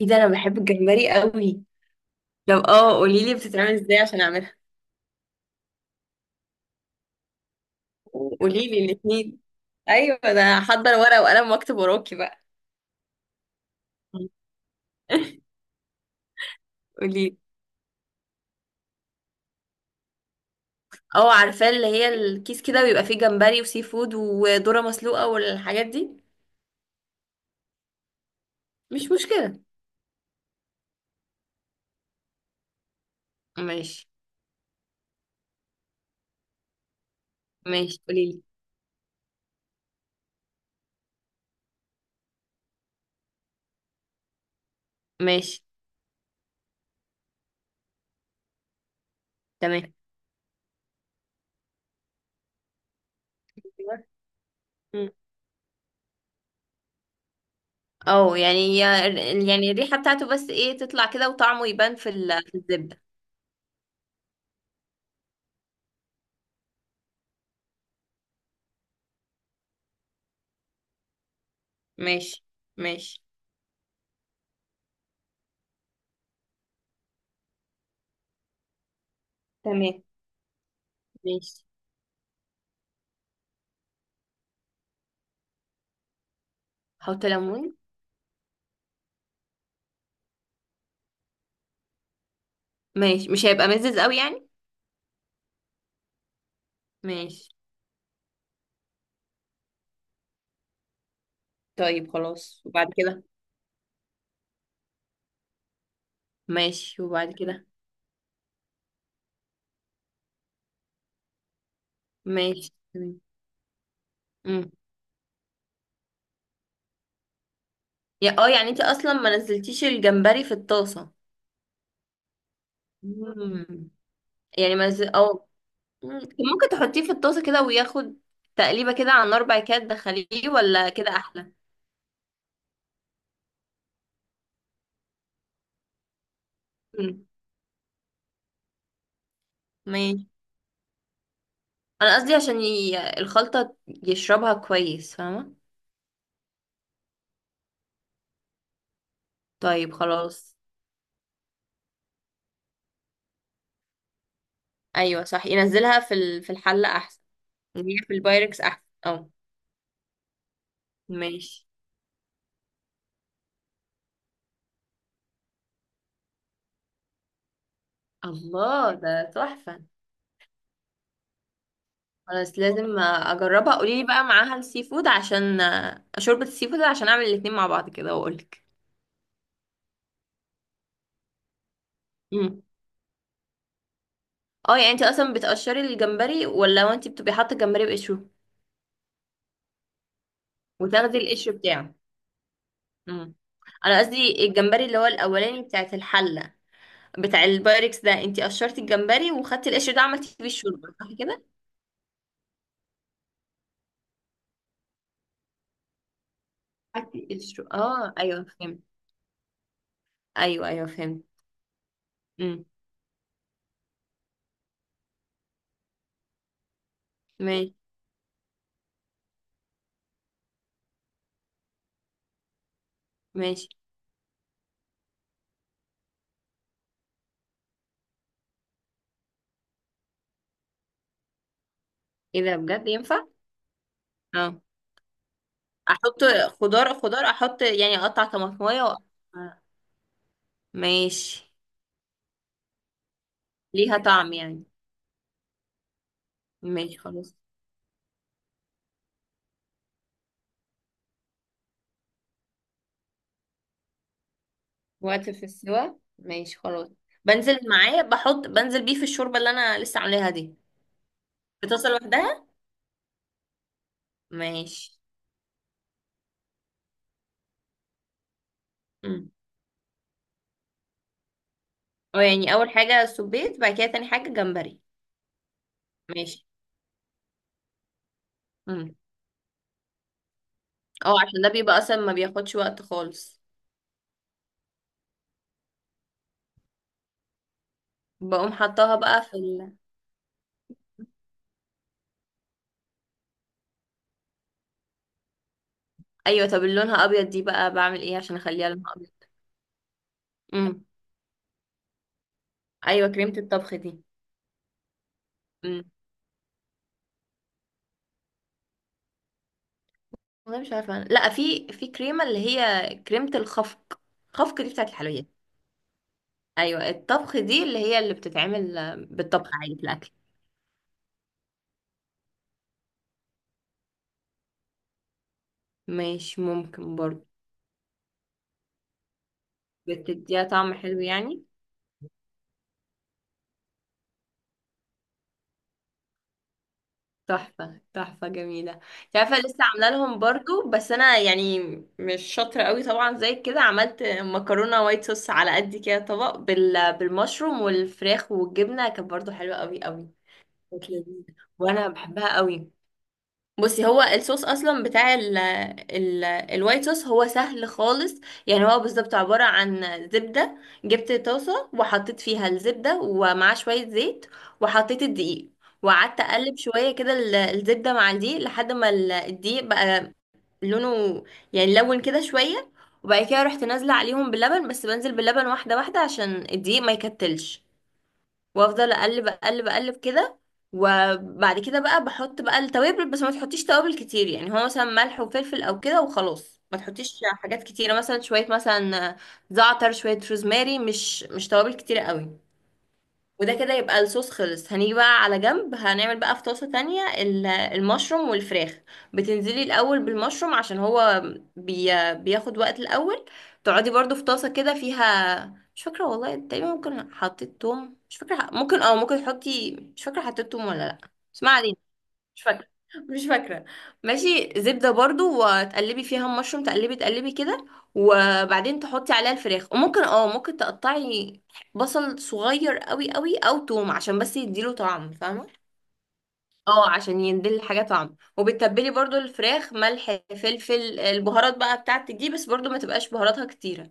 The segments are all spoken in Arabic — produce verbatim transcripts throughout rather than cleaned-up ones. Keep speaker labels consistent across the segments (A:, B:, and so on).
A: ايه ده، انا بحب الجمبري قوي. لو اه قولي لي بتتعمل ازاي عشان اعملها. قولي لي الاثنين. ايوه، ده هحضر ورقه وقلم واكتب وراكي بقى. قولي لي. اه، عارفاه اللي هي الكيس كده بيبقى فيه جمبري وسي فود وذره مسلوقه والحاجات دي. مش مشكله. ماشي. ماشي قولي لي. ماشي تمام. مم. اه، يعني يعني الريحه بتاعته بس ايه تطلع كده، وطعمه يبان في ال- في الزبده. ماشي. ماشي تمام. ماشي. حط ليمون. ماشي، مش هيبقى مزز قوي يعني. ماشي، طيب خلاص. وبعد كده؟ ماشي، وبعد كده؟ ماشي تمام. امم. يا اه يعني انت اصلا ما نزلتيش الجمبري في الطاسه؟ امم. يعني ما نزل، اه. مم. طب ممكن تحطيه في الطاسه كده وياخد تقليبه كده على النار، بعد كده تدخليه، ولا كده احلى؟ امم. ماشي. انا قصدي عشان ي... الخلطه يشربها كويس، فاهمه؟ طيب خلاص. ايوه صح، ينزلها في ال... في الحله احسن. هي في البايركس احسن، اه. ماشي. الله ده تحفة. خلاص لازم اجربها، قولي لي بقى معاها السي فود عشان شوربة السي فود، عشان اعمل الاتنين مع بعض كده واقولك. امم. اه يعني، انت اصلا بتقشري الجمبري، ولا هو انت بتبقي حاطة الجمبري بقشره وتاخدي القشر بتاعه؟ امم. انا قصدي الجمبري اللي هو الاولاني، بتاعت الحلة، بتاع البايركس ده، انت قشرتي الجمبري وخدتي القشر ده عملتي فيه الشوربة، صح كده؟ خدتي القشر، اه ايوه فهمت. ايوه ايوه فهمت. امم. ماشي. ماشي. ايه ده بجد ينفع؟ اه. احط خضار خضار، احط يعني اقطع طماطمية وأقطع- ماشي. ليها طعم يعني. ماشي خلاص. وقت في السوا، ماشي خلاص. بنزل معاه بحط بنزل بيه في الشوربة اللي انا لسه عاملاها دي؟ في طاسة لوحدها. ماشي. امم. اه يعني، اول حاجة سبيت، بعد كده تاني حاجة جمبري. ماشي. امم. اه، عشان ده بيبقى اصلا ما بياخدش وقت خالص. بقوم حطاها بقى في ال... ايوه، طب اللي لونها ابيض دي بقى بعمل ايه عشان اخليها لونها ابيض؟ امم. ايوه، كريمة الطبخ دي. والله مش عارفه أنا. لا، في في كريمه اللي هي كريمه الخفق. خفق دي بتاعت الحلويات؟ ايوه، الطبخ دي اللي هي اللي بتتعمل آه، بالطبخ عادي في الاكل. مش ممكن برضه؟ بتديها طعم حلو يعني. تحفه تحفه، جميله. انت عارفه لسه عامله لهم برضه، بس انا يعني مش شاطره قوي طبعا. زي كده عملت مكرونه وايت صوص، على قد كده طبق بال بالمشروم والفراخ والجبنه، كانت برضه حلوه قوي قوي. كانت لذيذة. وانا بحبها قوي. بصي، هو الصوص اصلا بتاع ال ال الوايت صوص هو سهل خالص. يعني هو بالظبط عبارة عن زبدة. جبت طاسة وحطيت فيها الزبدة ومعاه شوية زيت، وحطيت الدقيق، وقعدت اقلب شوية كده ال- الزبدة مع الدقيق لحد ما ال- الدقيق بقى لونه، يعني لون كده شوية. وبعد كده رحت نازلة عليهم باللبن، بس بنزل باللبن واحدة واحدة عشان الدقيق ما يكتلش، وافضل اقلب اقلب اقلب كده. وبعد كده بقى بحط بقى التوابل، بس ما تحطيش توابل كتير، يعني هو مثلا ملح وفلفل او كده وخلاص. ما تحطيش حاجات كتيره، مثلا شويه مثلا زعتر، شويه روزماري، مش مش توابل كتيره قوي. وده كده يبقى الصوص خلص. هنيجي بقى على جنب، هنعمل بقى في طاسة تانية ال- المشروم والفراخ. بتنزلي الأول بالمشروم عشان هو بي بياخد وقت الأول. تقعدي برضو في طاسة كده فيها، مش فاكرة والله، تقريبا ممكن حطيت توم، مش فاكرة. ممكن، اه ممكن تحطي، مش فاكرة حطيت توم ولا لأ. بس ما علينا. مش فاكرة. مش فاكرة. ماشي، زبدة برضو، وتقلبي فيها المشروم، تقلبي تقلبي كده. وبعدين تحطي عليها الفراخ، وممكن اه ممكن تقطعي بصل صغير قوي قوي او توم عشان بس يديله طعم، فاهمة؟ اه عشان يديل الحاجة طعم. وبتتبلي برضو الفراخ ملح فلفل البهارات بقى بتاعتك دي، بس برضو ما تبقاش بهاراتها كتيرة.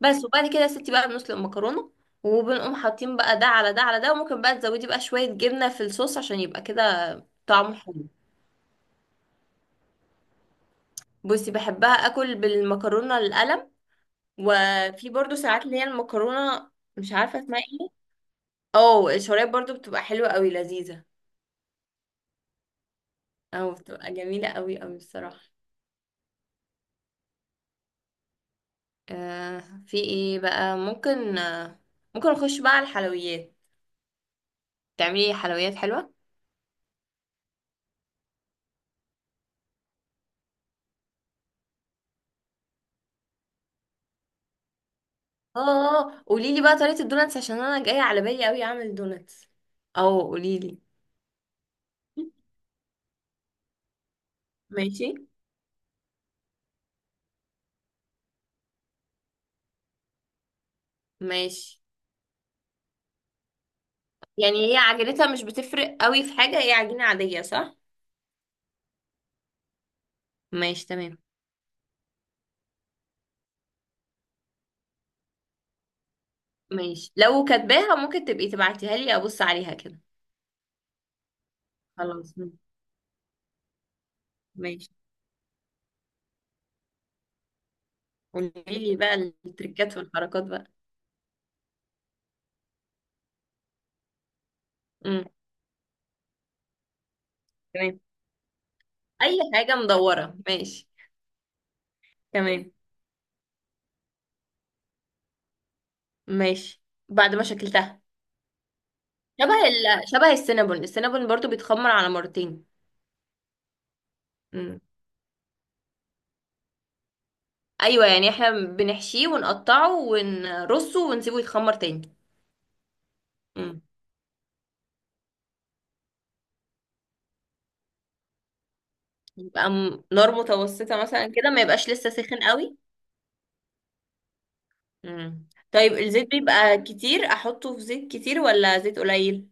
A: بس. وبعد كده يا ستي بقى بنسلق المكرونة، وبنقوم حاطين بقى ده على ده على ده. وممكن بقى تزودي بقى شوية جبنة في الصوص عشان يبقى كده طعمه حلو. بصي، بحبها اكل بالمكرونه القلم، وفي برضو ساعات اللي هي المكرونه، مش عارفه اسمها ايه، اه الشرايح، برضو بتبقى حلوه قوي لذيذه. او بتبقى جميله قوي قوي الصراحه. آه، في ايه بقى ممكن، آه ممكن نخش بقى على الحلويات، تعملي حلويات حلوه. اه. اه، قولي لي بقى طريقه الدوناتس، عشان انا جايه على بالي قوي اعمل دوناتس. اه قولي لي. ماشي. ماشي. يعني هي عجينتها مش بتفرق قوي في حاجه، هي عجينه عاديه صح؟ ماشي تمام. ماشي، لو كاتباها ممكن تبقي تبعتيها لي ابص عليها كده. خلاص م- ماشي، قولي لي بقى التريكات والحركات بقى. امم. تمام. اي حاجه مدوره، ماشي. تمام. ماشي. بعد ما شكلتها، شبه ال... شبه السينابون. السينابون برضو بيتخمر على مرتين. امم. ايوه، يعني احنا بنحشيه ونقطعه ونرصه ونسيبه يتخمر تاني. امم. يبقى م- نار متوسطه مثلا كده، ما يبقاش لسه سخن قوي. مم. طيب الزيت بيبقى كتير، احطه في زيت كتير ولا زيت قليل؟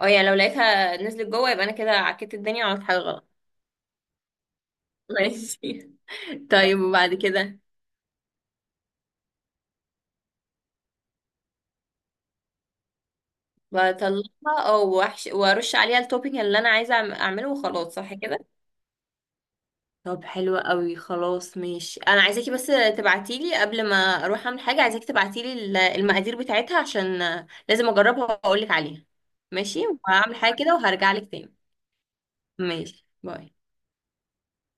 A: اه يعني لو لقيتها نزلت جوه يبقى انا كده عكيت الدنيا وعملت حاجه غلط؟ ماشي. طيب وبعد كده بطلعها، او وحش، وارش عليها التوبينج اللي انا عايزه أعم- اعمله، وخلاص صح كده؟ طب حلوة قوي. خلاص ماشي، انا عايزاكي بس تبعتيلي قبل ما اروح اعمل حاجه. عايزاكي تبعتيلي ال- المقادير بتاعتها، عشان لازم اجربها واقولك عليها. ماشي، وهعمل حاجه كده وهرجعلك تاني. ماشي باي.